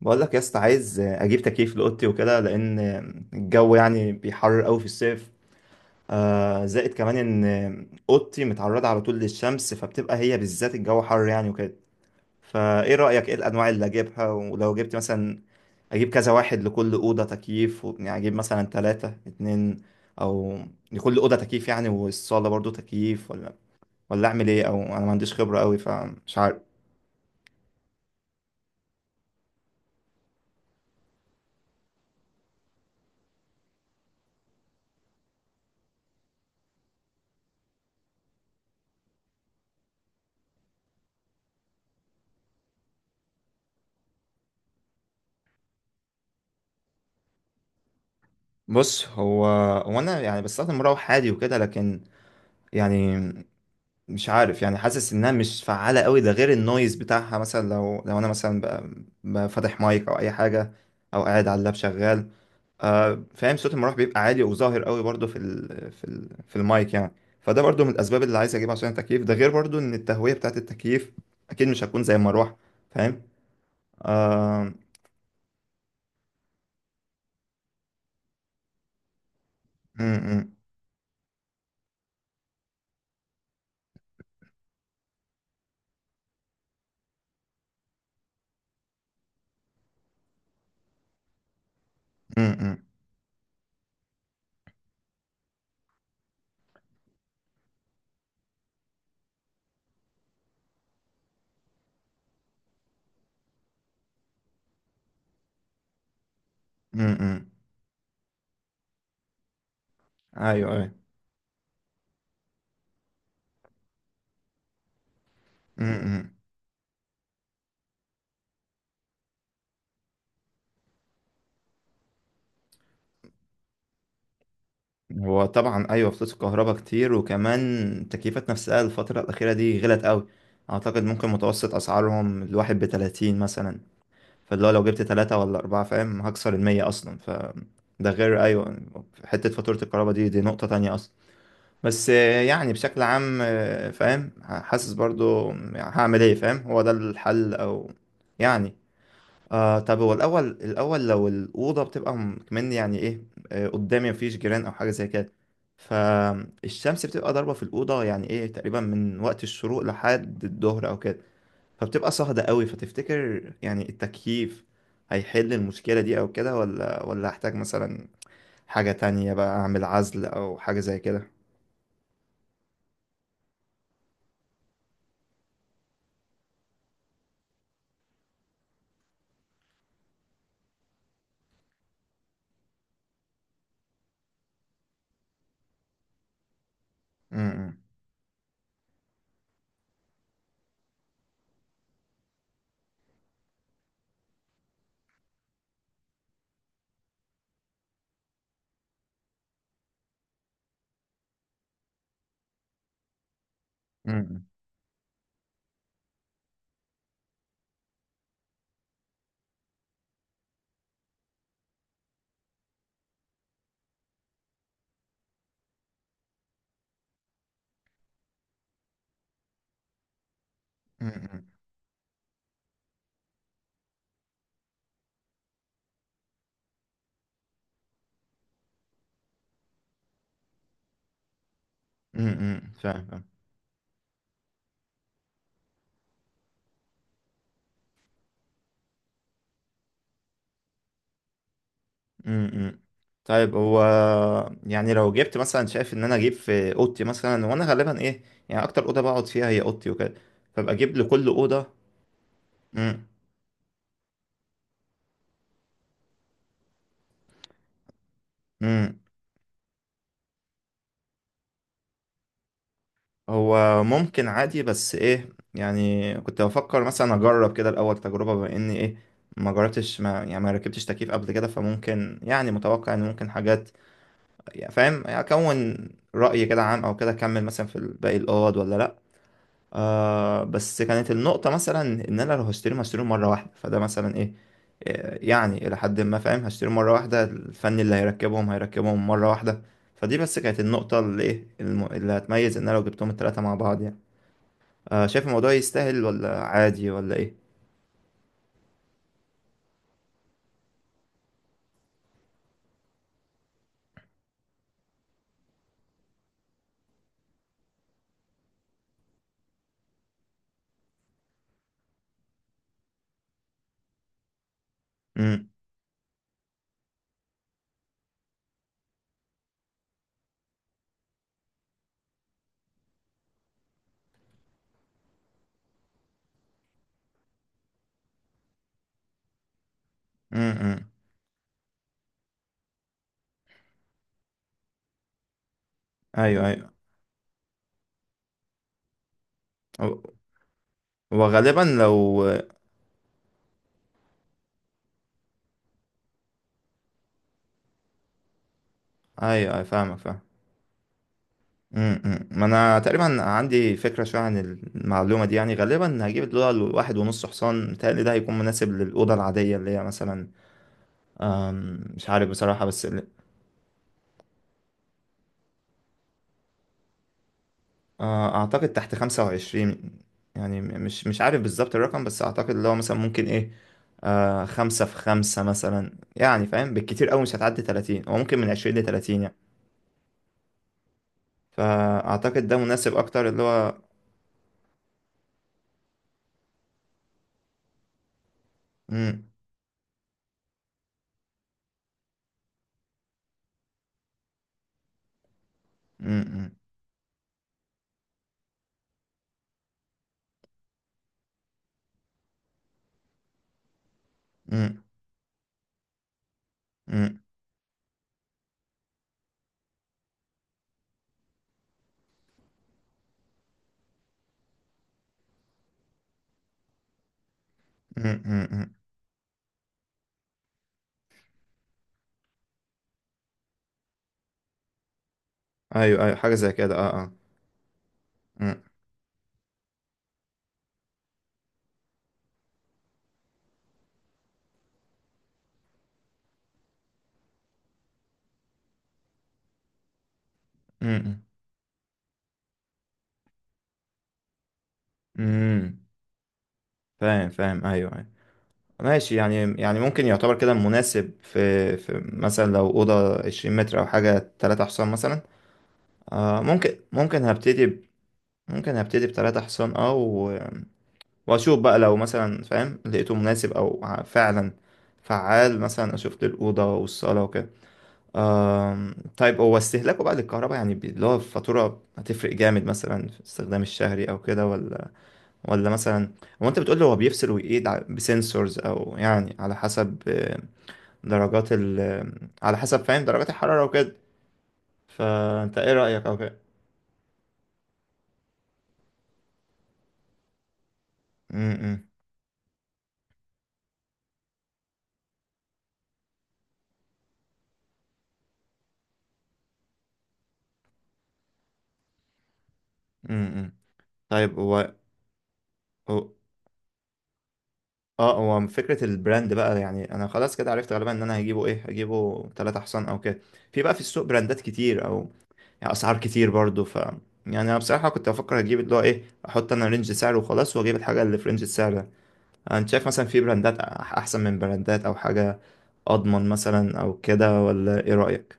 بقول لك يا اسطى، عايز اجيب تكييف لاوضتي وكده، لان الجو يعني بيحرر قوي في الصيف. آه، زائد كمان ان اوضتي متعرضه على طول للشمس، فبتبقى هي بالذات الجو حر يعني وكده. فايه رايك، ايه الانواع اللي اجيبها؟ ولو جبت مثلا اجيب كذا واحد لكل اوضه تكييف يعني اجيب مثلا 3 2، او لكل اوضه تكييف يعني، والصاله برضو تكييف، ولا اعمل ايه؟ او انا ما عنديش خبره قوي فمش عارف. بص، هو انا يعني بستخدم مروح عادي وكده، لكن يعني مش عارف، يعني حاسس انها مش فعالة قوي. ده غير النويز بتاعها مثلا، لو انا مثلا فاتح مايك او اي حاجة، او قاعد على اللاب شغال. آه فاهم، صوت المروح بيبقى عالي وظاهر قوي برضو في المايك يعني. فده برضو من الاسباب اللي عايز اجيبها عشان التكييف، ده غير برضو ان التهوية بتاعت التكييف اكيد مش هتكون زي المروحة. فاهم؟ آه م- م- م- م- م. ايوه ايوه. م- م. هو طبعا ايوه، فلوس الكهرباء كتير، وكمان التكييفات نفسها الفترة الأخيرة دي غلت قوي. اعتقد ممكن متوسط اسعارهم الواحد بـ30 مثلا. فاللي هو لو جبت 3 ولا 4، فاهم، هكسر 100 اصلا. ف ده غير ايوه، حتة فاتورة الكهرباء، دي نقطة تانية اصلا. بس يعني بشكل عام فاهم، حاسس برضو يعني هعمل ايه. فاهم، هو ده الحل، او يعني طب هو الأول، لو الأوضة بتبقى كمان يعني إيه، قدامي مفيش جيران أو حاجة زي كده، فالشمس بتبقى ضاربة في الأوضة، يعني إيه، تقريبا من وقت الشروق لحد الظهر أو كده. فبتبقى صهدة قوي. فتفتكر يعني التكييف هيحل المشكلة دي أو كده، ولا أحتاج مثلا حاجة تانية بقى، أعمل عزل أو حاجة زي كده؟ م- م- م- م- م- فاهم. امم، طيب، هو يعني لو جبت مثلا، شايف ان انا اجيب في اوضتي مثلا، وانا غالبا ايه، يعني اكتر اوضه بقعد فيها هي اوضتي وكده، فبقى اجيب لكل اوضه. امم. امم. هو ممكن عادي بس ايه، يعني كنت بفكر مثلا اجرب كده الاول تجربه، بما اني ايه، ما جربتش، ما يعني ما ركبتش تكييف قبل كده. فممكن يعني متوقع ان ممكن حاجات يعني، فاهم، اكون راي كده عام او كده، اكمل مثلا في باقي الاوض ولا لا. بس كانت النقطة مثلا إن أنا لو هشتريهم، هشتريهم مرة واحدة. فده مثلا إيه، يعني إلى حد ما فاهم، هشتريهم مرة واحدة، الفني اللي هيركبهم هيركبهم مرة واحدة. فدي بس كانت النقطة اللي إيه اللي هتميز إن أنا لو جبتهم التلاتة مع بعض يعني. آه، شايف الموضوع يستاهل ولا عادي ولا إيه؟ امم. امم. امم. أيوه أيوه. و- وغالبا لو أيوه أيوه، فاهمك، فاهم. امم. أمم. ما انا تقريبا عندي فكره شويه عن المعلومه دي، يعني غالبا هجيب الدولار واحد ونص حصان، متهيألي ده هيكون مناسب للاوضه العاديه، اللي هي مثلا مش عارف بصراحه، بس اعتقد تحت 25 يعني، مش عارف بالظبط الرقم، بس اعتقد اللي هو مثلا ممكن ايه، خمسة في خمسة مثلا يعني، فاهم، بالكتير أوي مش هتعدي 30، هو ممكن من 20 ل 30 يعني. فأعتقد ده مناسب أكتر اللي هو مم، مم، مم، مم، مم، مم، مم، ايوه ايوه، حاجه زي كده، اه اه. أمم، أمم، أمم. فاهم فاهم، ايوه ايوه، ماشي. يعني، يعني ممكن يعتبر كده مناسب في في مثلا لو اوضه 20 متر او حاجه 3 حصان مثلا. آه ممكن، ممكن هبتدي بـ3 حصان اه، واشوف بقى لو مثلا فاهم لقيته مناسب، او فعلا فعال مثلا، اشوف للاوضه والصاله وكده. آم، طيب هو استهلاكه بقى للكهرباء يعني اللي هو الفاتوره هتفرق جامد مثلا في استخدام الشهري او كده، ولا ولا مثلا، هو انت بتقول له هو بيفصل ويقيد بسنسورز، او يعني على حسب درجات ال آه، على حسب، فاهم، درجات الحرارة وكده. فانت ايه رأيك او كده؟ امم. امم. طيب هو هو- اه هو فكرة البراند بقى، يعني انا خلاص كده عرفت غالبا ان انا هجيبه ايه، هجيبه 3 حصان او كده. في بقى في السوق براندات كتير، او يعني اسعار كتير برضو. ف يعني انا بصراحة كنت بفكر اجيب اللي هو ايه، احط انا رينج سعر وخلاص، واجيب الحاجة اللي في رينج السعر ده. انت شايف مثلا في براندات احسن من براندات، او حاجة اضمن مثلا او كده؟ ولا ايه رأيك؟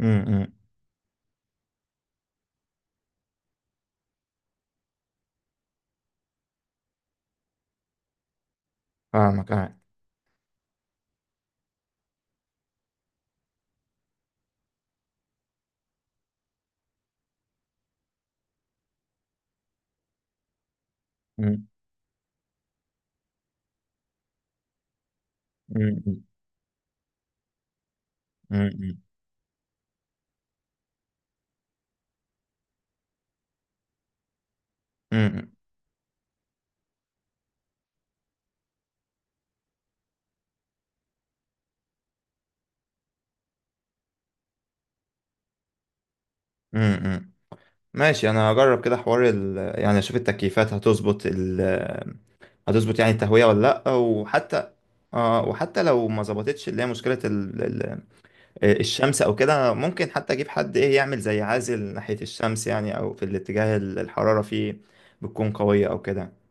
امم. فاهمك اه. أمم، أمم، أمم، أمم، أمم. ماشي، انا هجرب كده حوار يعني اشوف التكييفات هتظبط هتظبط يعني التهوية ولا لا. وحتى اه، وحتى لو ما ظبطتش، اللي هي مشكلة الشمس او كده، ممكن حتى اجيب حد ايه يعمل زي عازل ناحية الشمس يعني، او في الاتجاه الحرارة فيه بتكون قوية او كده.